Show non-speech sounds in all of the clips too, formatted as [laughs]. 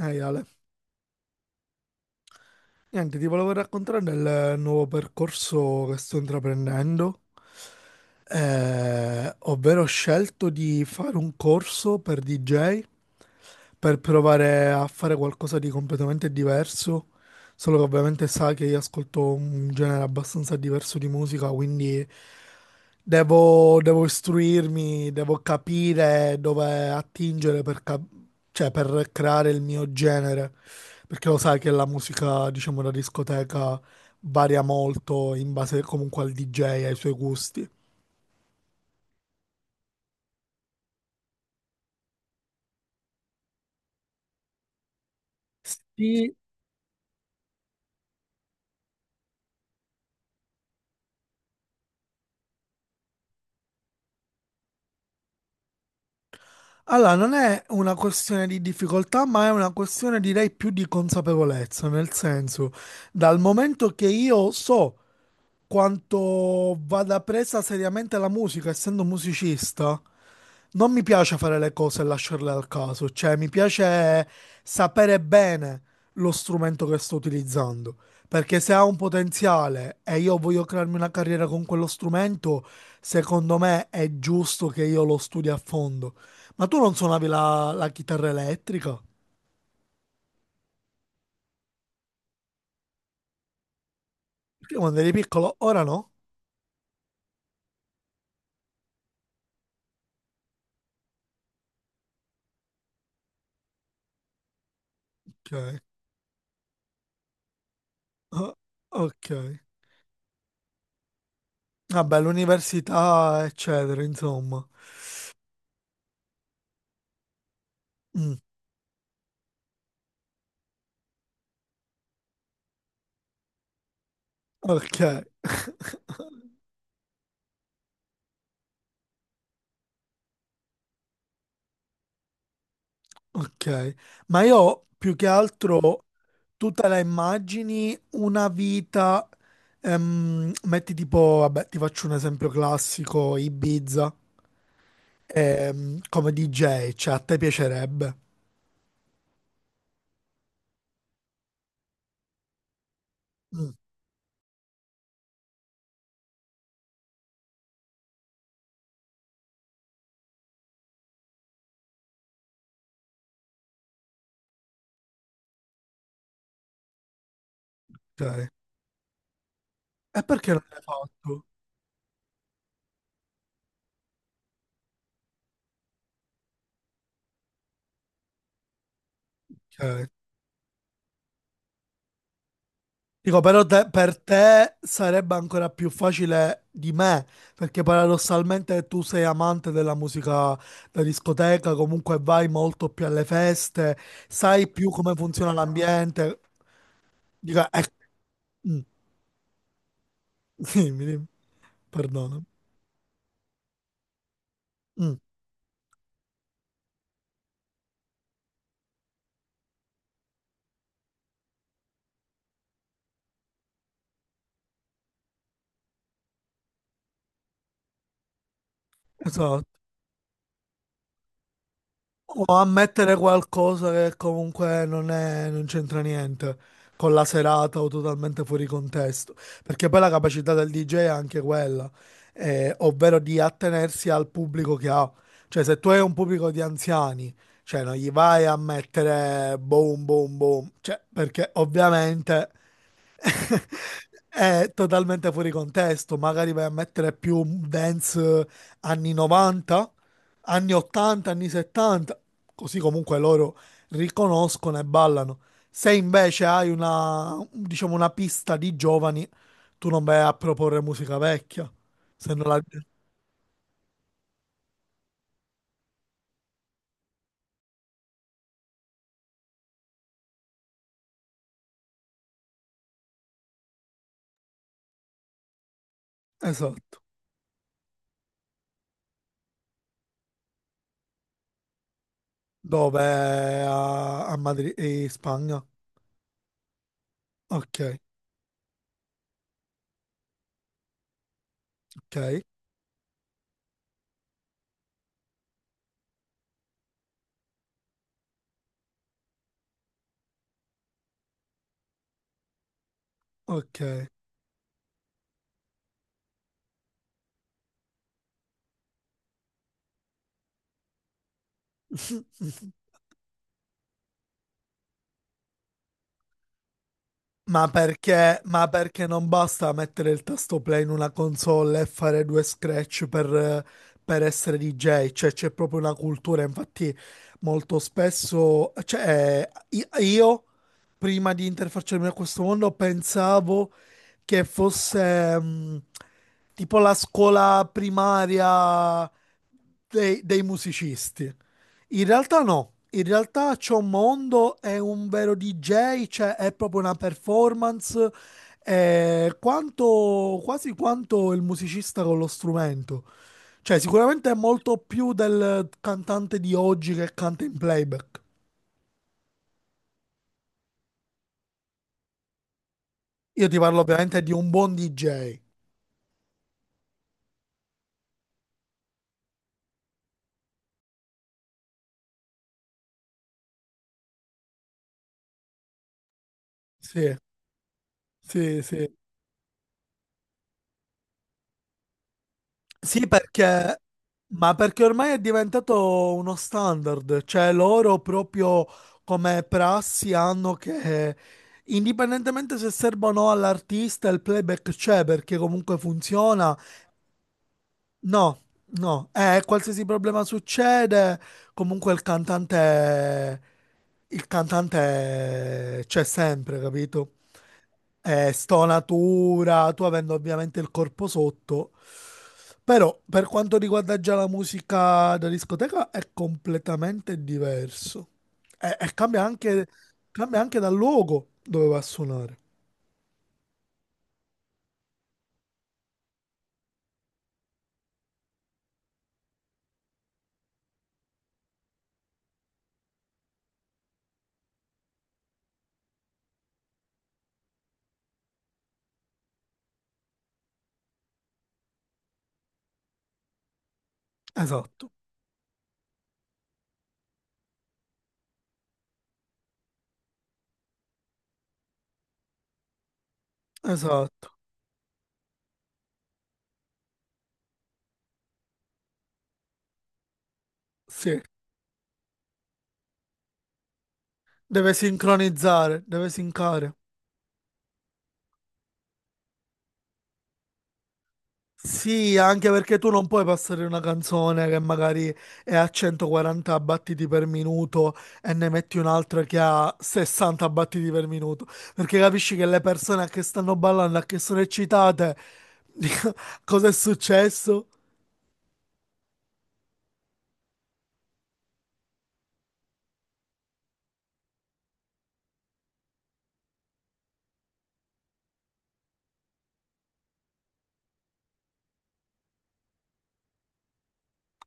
Ehi Ale, niente, ti volevo raccontare del nuovo percorso che sto intraprendendo. Ovvero, ho scelto di fare un corso per DJ per provare a fare qualcosa di completamente diverso, solo che ovviamente sa che io ascolto un genere abbastanza diverso di musica, quindi devo istruirmi, devo capire dove attingere per, cioè, per creare il mio genere, perché lo sai che la musica, diciamo, da discoteca varia molto in base comunque al DJ e ai suoi gusti. Sì. Allora, non è una questione di difficoltà, ma è una questione direi più di consapevolezza, nel senso, dal momento che io so quanto vada presa seriamente la musica, essendo musicista, non mi piace fare le cose e lasciarle al caso, cioè mi piace sapere bene lo strumento che sto utilizzando, perché se ha un potenziale e io voglio crearmi una carriera con quello strumento, secondo me è giusto che io lo studi a fondo. Ma tu non suonavi la chitarra elettrica? Perché quando eri piccolo, ora no? Ok. Ah, ok. Vabbè, l'università, eccetera, insomma. Mm, ok. [laughs] Ok, ma io ho più che altro tu te la immagini una vita, metti tipo, vabbè, ti faccio un esempio classico, Ibiza, come DJ, cioè a te piacerebbe. Mm, ok, e perché non l'hai fatto? Ok. Dico, però per te sarebbe ancora più facile di me, perché paradossalmente tu sei amante della musica da discoteca, comunque vai molto più alle feste, sai più come funziona l'ambiente. Dico, mm, [laughs] dimmi, perdono. Mm, esatto. O ammettere qualcosa che comunque non c'entra niente con la serata o totalmente fuori contesto. Perché poi la capacità del DJ è anche quella, ovvero di attenersi al pubblico che ha. Cioè, se tu hai un pubblico di anziani, cioè non gli vai a mettere boom, boom, boom. Cioè, perché ovviamente è totalmente fuori contesto, magari vai a mettere più dance anni 90, anni 80, anni 70, così comunque loro riconoscono e ballano. Se invece hai una, diciamo, una pista di giovani, tu non vai a proporre musica vecchia, se non la... Esatto. Dove? A, a Madrid, in Spagna. Ok, ok, ok. [laughs] Ma perché non basta mettere il tasto play in una console e fare due scratch per essere DJ? Cioè, c'è proprio una cultura. Infatti, molto spesso, cioè, io prima di interfacciarmi a questo mondo pensavo che fosse tipo la scuola primaria dei musicisti. In realtà no, in realtà c'è un mondo è un vero DJ, cioè è proprio una performance, è quanto, quasi quanto il musicista con lo strumento. Cioè sicuramente è molto più del cantante di oggi che canta in playback. Io ti parlo ovviamente di un buon DJ. Sì, sì, sì. Sì, perché, ma perché ormai è diventato uno standard, cioè loro proprio come prassi hanno che indipendentemente se serve o no all'artista, il playback c'è perché comunque funziona. No, no, qualsiasi problema succede, comunque il cantante c'è sempre, capito? Stonatura, tu avendo ovviamente il corpo sotto. Però per quanto riguarda già la musica da discoteca è completamente diverso. E cambia anche dal luogo dove va a suonare. Esatto, esatto, sì. Deve sincronizzare, deve sincare. Sì, anche perché tu non puoi passare una canzone che magari è a 140 battiti per minuto e ne metti un'altra che ha 60 battiti per minuto, perché capisci che le persone che stanno ballando, che sono eccitate, [laughs] cosa è successo?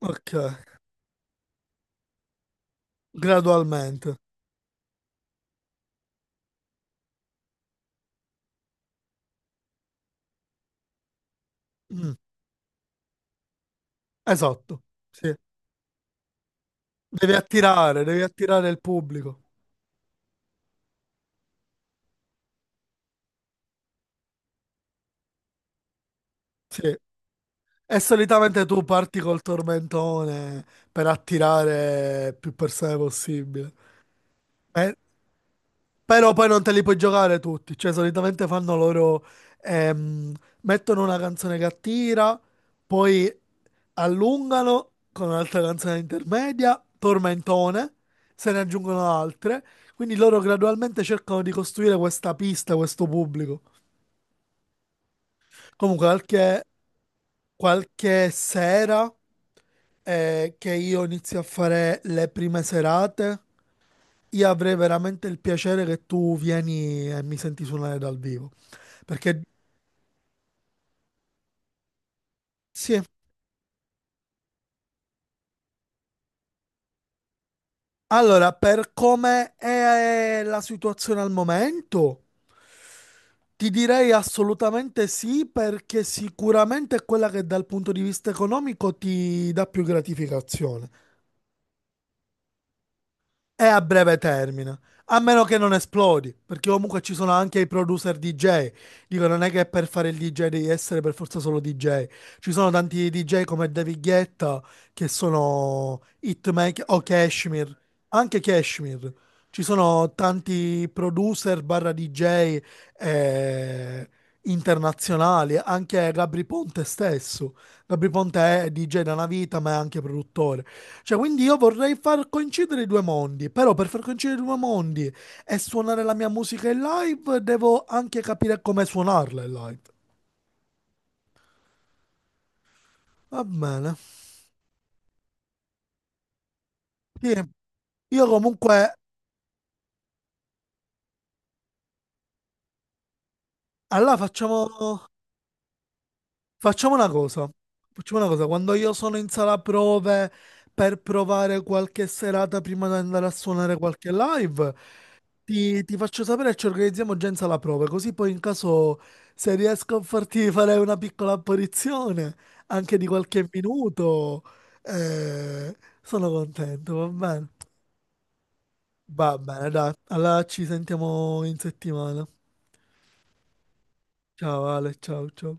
Ok, gradualmente. Mm, esatto, sì. Devi attirare il pubblico. Sì. E solitamente tu parti col tormentone per attirare più persone possibile. Eh, Però poi non te li puoi giocare tutti, cioè solitamente fanno loro, ehm, mettono una canzone che attira, poi allungano con un'altra canzone intermedia, tormentone, se ne aggiungono altre, quindi loro gradualmente cercano di costruire questa pista, questo pubblico. Comunque anche qualche sera che io inizio a fare le prime serate, io avrei veramente il piacere che tu vieni e mi senti suonare dal vivo. Perché sì, allora, per come è la situazione al momento, ti direi assolutamente sì, perché sicuramente è quella che dal punto di vista economico ti dà più gratificazione. È a breve termine. A meno che non esplodi, perché comunque ci sono anche i producer DJ. Dico, non è che per fare il DJ devi essere per forza solo DJ. Ci sono tanti DJ come David Guetta che sono hitmaker o Kashmir, anche Kashmir. Ci sono tanti producer barra DJ eh, internazionali, anche Gabri Ponte stesso. Gabri Ponte è DJ da una vita, ma è anche produttore. Cioè, quindi io vorrei far coincidere i due mondi, però per far coincidere i due mondi e suonare la mia musica in live, devo anche capire come suonarla in live. Va bene. Sì, io comunque, allora facciamo... Facciamo una cosa, facciamo una cosa, quando io sono in sala prove per provare qualche serata prima di andare a suonare qualche live, ti faccio sapere e ci organizziamo già in sala prove, così poi in caso se riesco a farti [laughs] fare una piccola apparizione, anche di qualche minuto, eh, sono contento, va bene? Va bene, dai, allora ci sentiamo in settimana. Ciao Ale, ciao ciao.